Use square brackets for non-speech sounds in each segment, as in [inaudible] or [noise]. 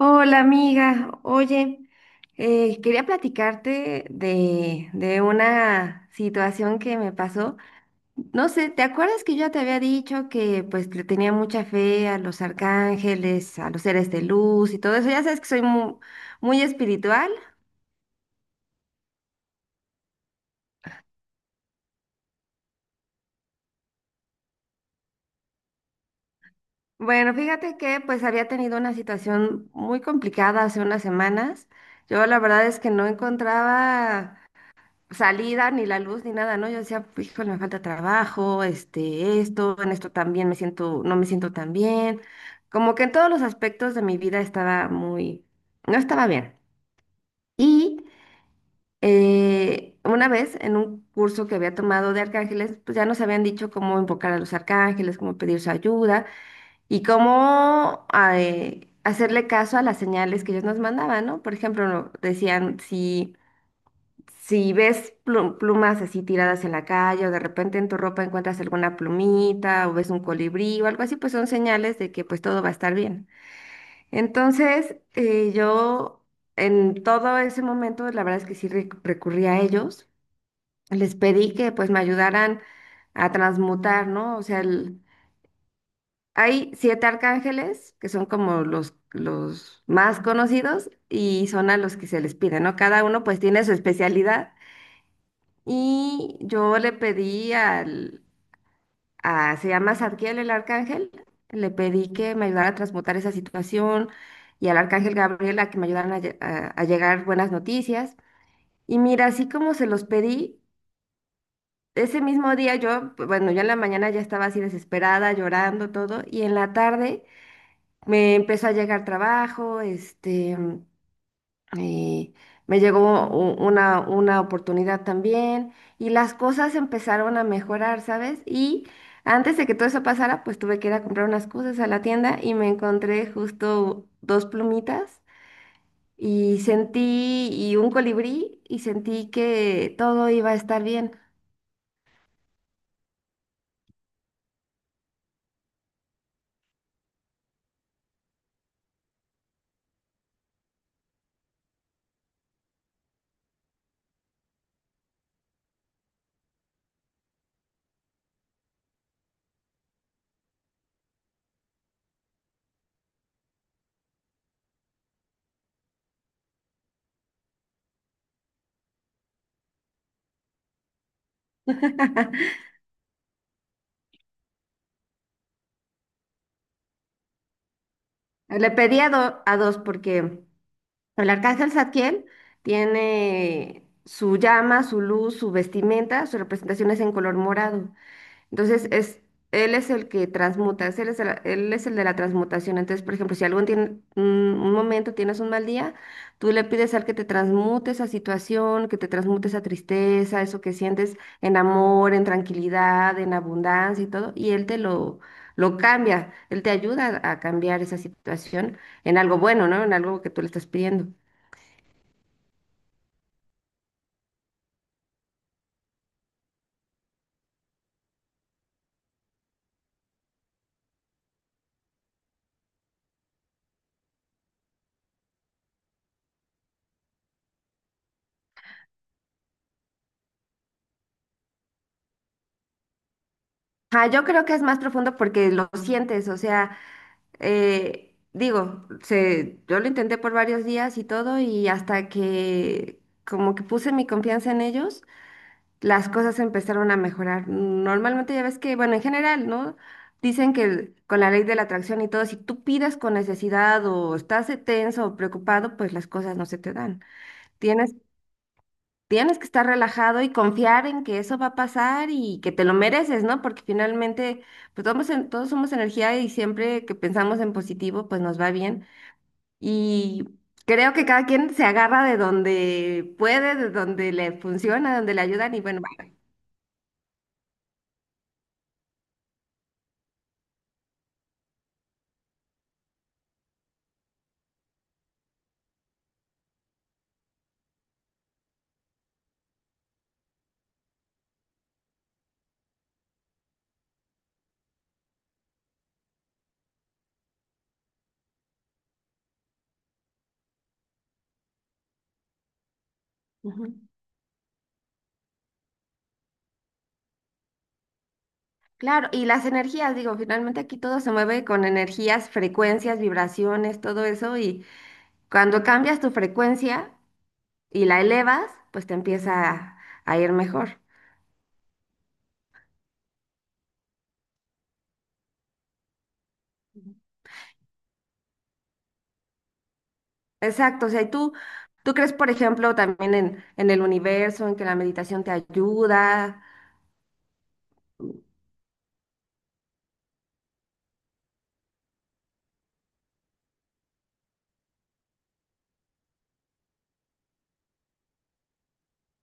Hola amiga, oye, quería platicarte de una situación que me pasó. No sé, ¿te acuerdas que yo ya te había dicho que pues le tenía mucha fe a los arcángeles, a los seres de luz y todo eso? Ya sabes que soy muy espiritual. Bueno, fíjate que pues había tenido una situación muy complicada hace unas semanas. Yo la verdad es que no encontraba salida, ni la luz, ni nada, ¿no? Yo decía, híjole, me falta trabajo, este, esto, en esto también me siento, no me siento tan bien. Como que en todos los aspectos de mi vida no estaba bien. Y una vez en un curso que había tomado de arcángeles, pues ya nos habían dicho cómo invocar a los arcángeles, cómo pedir su ayuda y cómo hacerle caso a las señales que ellos nos mandaban, ¿no? Por ejemplo, no, decían si ves plumas así tiradas en la calle o de repente en tu ropa encuentras alguna plumita o ves un colibrí o algo así, pues son señales de que pues todo va a estar bien. Entonces, yo en todo ese momento, la verdad es que sí recurrí a ellos. Les pedí que pues me ayudaran a transmutar, ¿no? O sea, hay siete arcángeles que son como los más conocidos y son a los que se les pide, ¿no? Cada uno pues tiene su especialidad. Y yo le pedí al, a, se llama Zadkiel el arcángel, le pedí que me ayudara a transmutar esa situación y al arcángel Gabriel a que me ayudaran a llegar buenas noticias. Y mira, así como se los pedí, ese mismo día yo, pues, bueno, yo en la mañana ya estaba así desesperada, llorando todo, y en la tarde me empezó a llegar trabajo, este... Y me llegó una oportunidad también y las cosas empezaron a mejorar, ¿sabes? Y antes de que todo eso pasara, pues tuve que ir a comprar unas cosas a la tienda y me encontré justo dos plumitas y sentí, y un colibrí y sentí que todo iba a estar bien. [laughs] Le pedí a dos porque el arcángel Zadkiel tiene su llama, su luz, su vestimenta, su representación es en color morado. Entonces, es, él es el que transmuta, él es él es el de la transmutación. Entonces, por ejemplo, si algún tiene, un momento tienes un mal día, tú le pides al que te transmute esa situación, que te transmute esa tristeza, eso que sientes en amor, en tranquilidad, en abundancia y todo, lo cambia, él te ayuda a cambiar esa situación en algo bueno, ¿no? En algo que tú le estás pidiendo. Ah, yo creo que es más profundo porque lo sientes, o sea... digo, se, yo lo intenté por varios días y todo, y hasta que como que puse mi confianza en ellos, las cosas empezaron a mejorar. Normalmente ya ves que, bueno, en general, ¿no? Dicen que con la ley de la atracción y todo, si tú pides con necesidad o estás tenso o preocupado, pues las cosas no se te dan. Tienes, tienes que estar relajado y confiar en que eso va a pasar y que te lo mereces, ¿no? Porque finalmente, pues todos somos energía y siempre que pensamos en positivo, pues nos va bien. Y creo que cada quien se agarra de donde puede, de donde le funciona, donde le ayudan y bueno, va. Ujú. Claro, y las energías, digo, finalmente aquí todo se mueve con energías, frecuencias, vibraciones, todo eso, y cuando cambias tu frecuencia y la elevas, pues te empieza a ir mejor. Ujú. Exacto, o sea, tú crees, por ejemplo, también en el universo, en que la meditación te ayuda.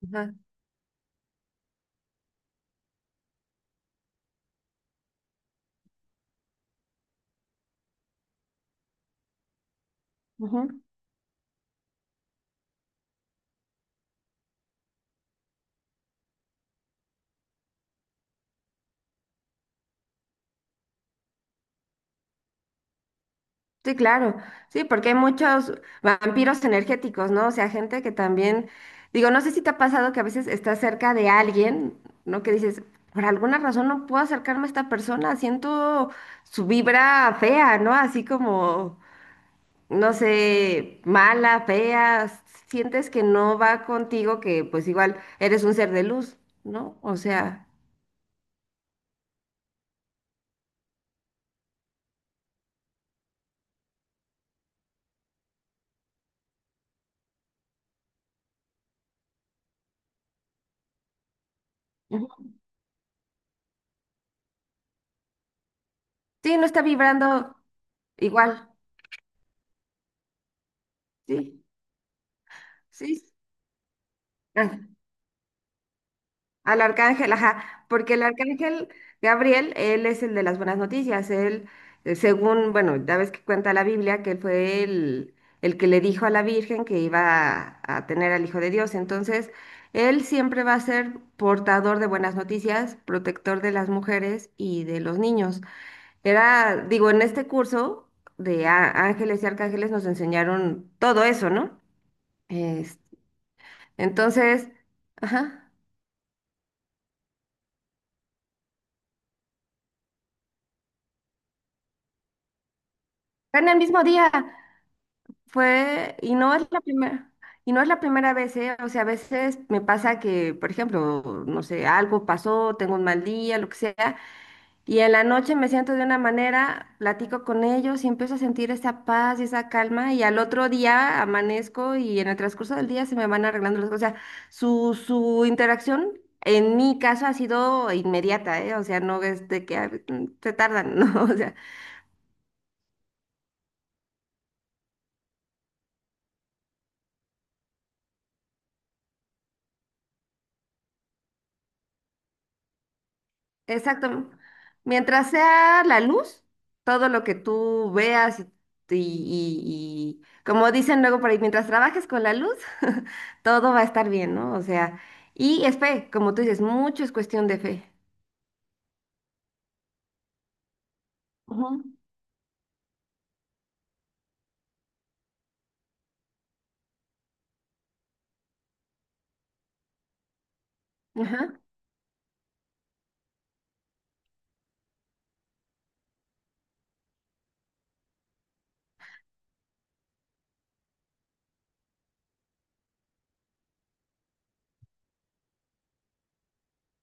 Ajá, ujú. Sí, claro, sí, porque hay muchos vampiros energéticos, ¿no? O sea, gente que también, digo, no sé si te ha pasado que a veces estás cerca de alguien, ¿no? Que dices, por alguna razón no puedo acercarme a esta persona, siento su vibra fea, ¿no? Así como, no sé, mala, fea, sientes que no va contigo, que pues igual eres un ser de luz, ¿no? O sea, ujú. Sí, no está vibrando igual, sí, sí. Ah. Al arcángel, ajá, porque el arcángel Gabriel, él es el de las buenas noticias, él, según, bueno, ya ves que cuenta la Biblia, que él fue el que le dijo a la Virgen que iba a tener al Hijo de Dios, entonces, él siempre va a ser portador de buenas noticias, protector de las mujeres y de los niños. Era, digo, en este curso de ángeles y arcángeles nos enseñaron todo eso, ¿no? Es- entonces, ajá, fue en el mismo día. Fue, y no es la primera vez, ¿eh? O sea, a veces me pasa que, por ejemplo, no sé, algo pasó, tengo un mal día, lo que sea, y en la noche me siento de una manera, platico con ellos y empiezo a sentir esa paz y esa calma, y al otro día amanezco y en el transcurso del día se me van arreglando las cosas. O sea, su interacción en mi caso ha sido inmediata, ¿eh? O sea, no es de que ah, se tardan, [laughs] ¿no? O sea, exacto. Mientras sea la luz, todo lo que tú veas como dicen luego por ahí, mientras trabajes con la luz, [laughs] todo va a estar bien, ¿no? O sea, y es fe, como tú dices, mucho es cuestión de fe. Ujú. Ajá,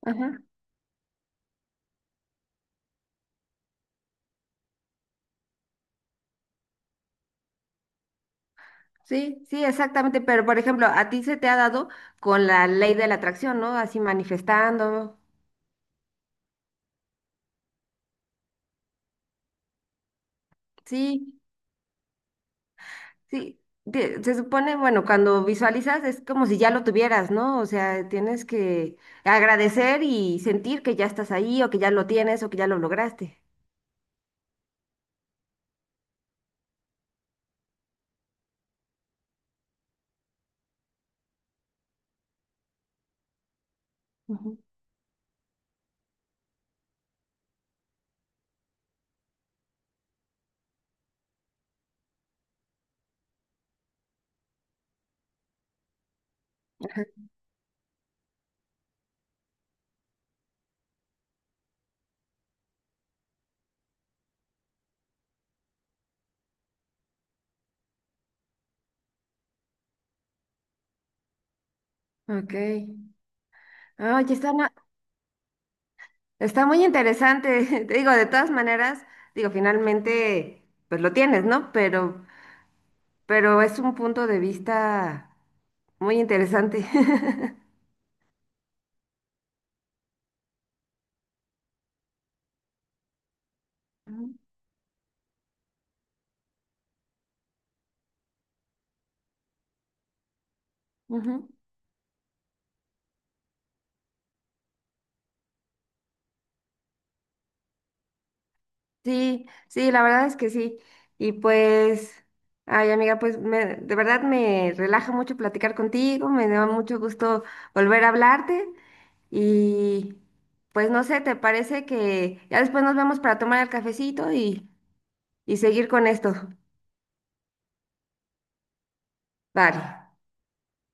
ajá. Sí, sí, exactamente. Pero, por ejemplo, a ti se te ha dado con la ley de la atracción, ¿no? Así manifestando. Sí. Sí, se supone, bueno, cuando visualizas es como si ya lo tuvieras, ¿no? O sea, tienes que agradecer y sentir que ya estás ahí o que ya lo tienes o que ya lo lograste. Ujú. Ajá. Ok. Oye, está muy interesante. [laughs] Te digo, de todas maneras, digo, finalmente, pues lo tienes, ¿no? Pero es un punto de vista muy interesante. [laughs] Ujú. Ujú. Sí, sí, la verdad es que sí. Y pues, ay amiga, pues de verdad me relaja mucho platicar contigo, me da mucho gusto volver a hablarte y pues no sé, ¿te parece que ya después nos vemos para tomar el cafecito y seguir con esto? Vale.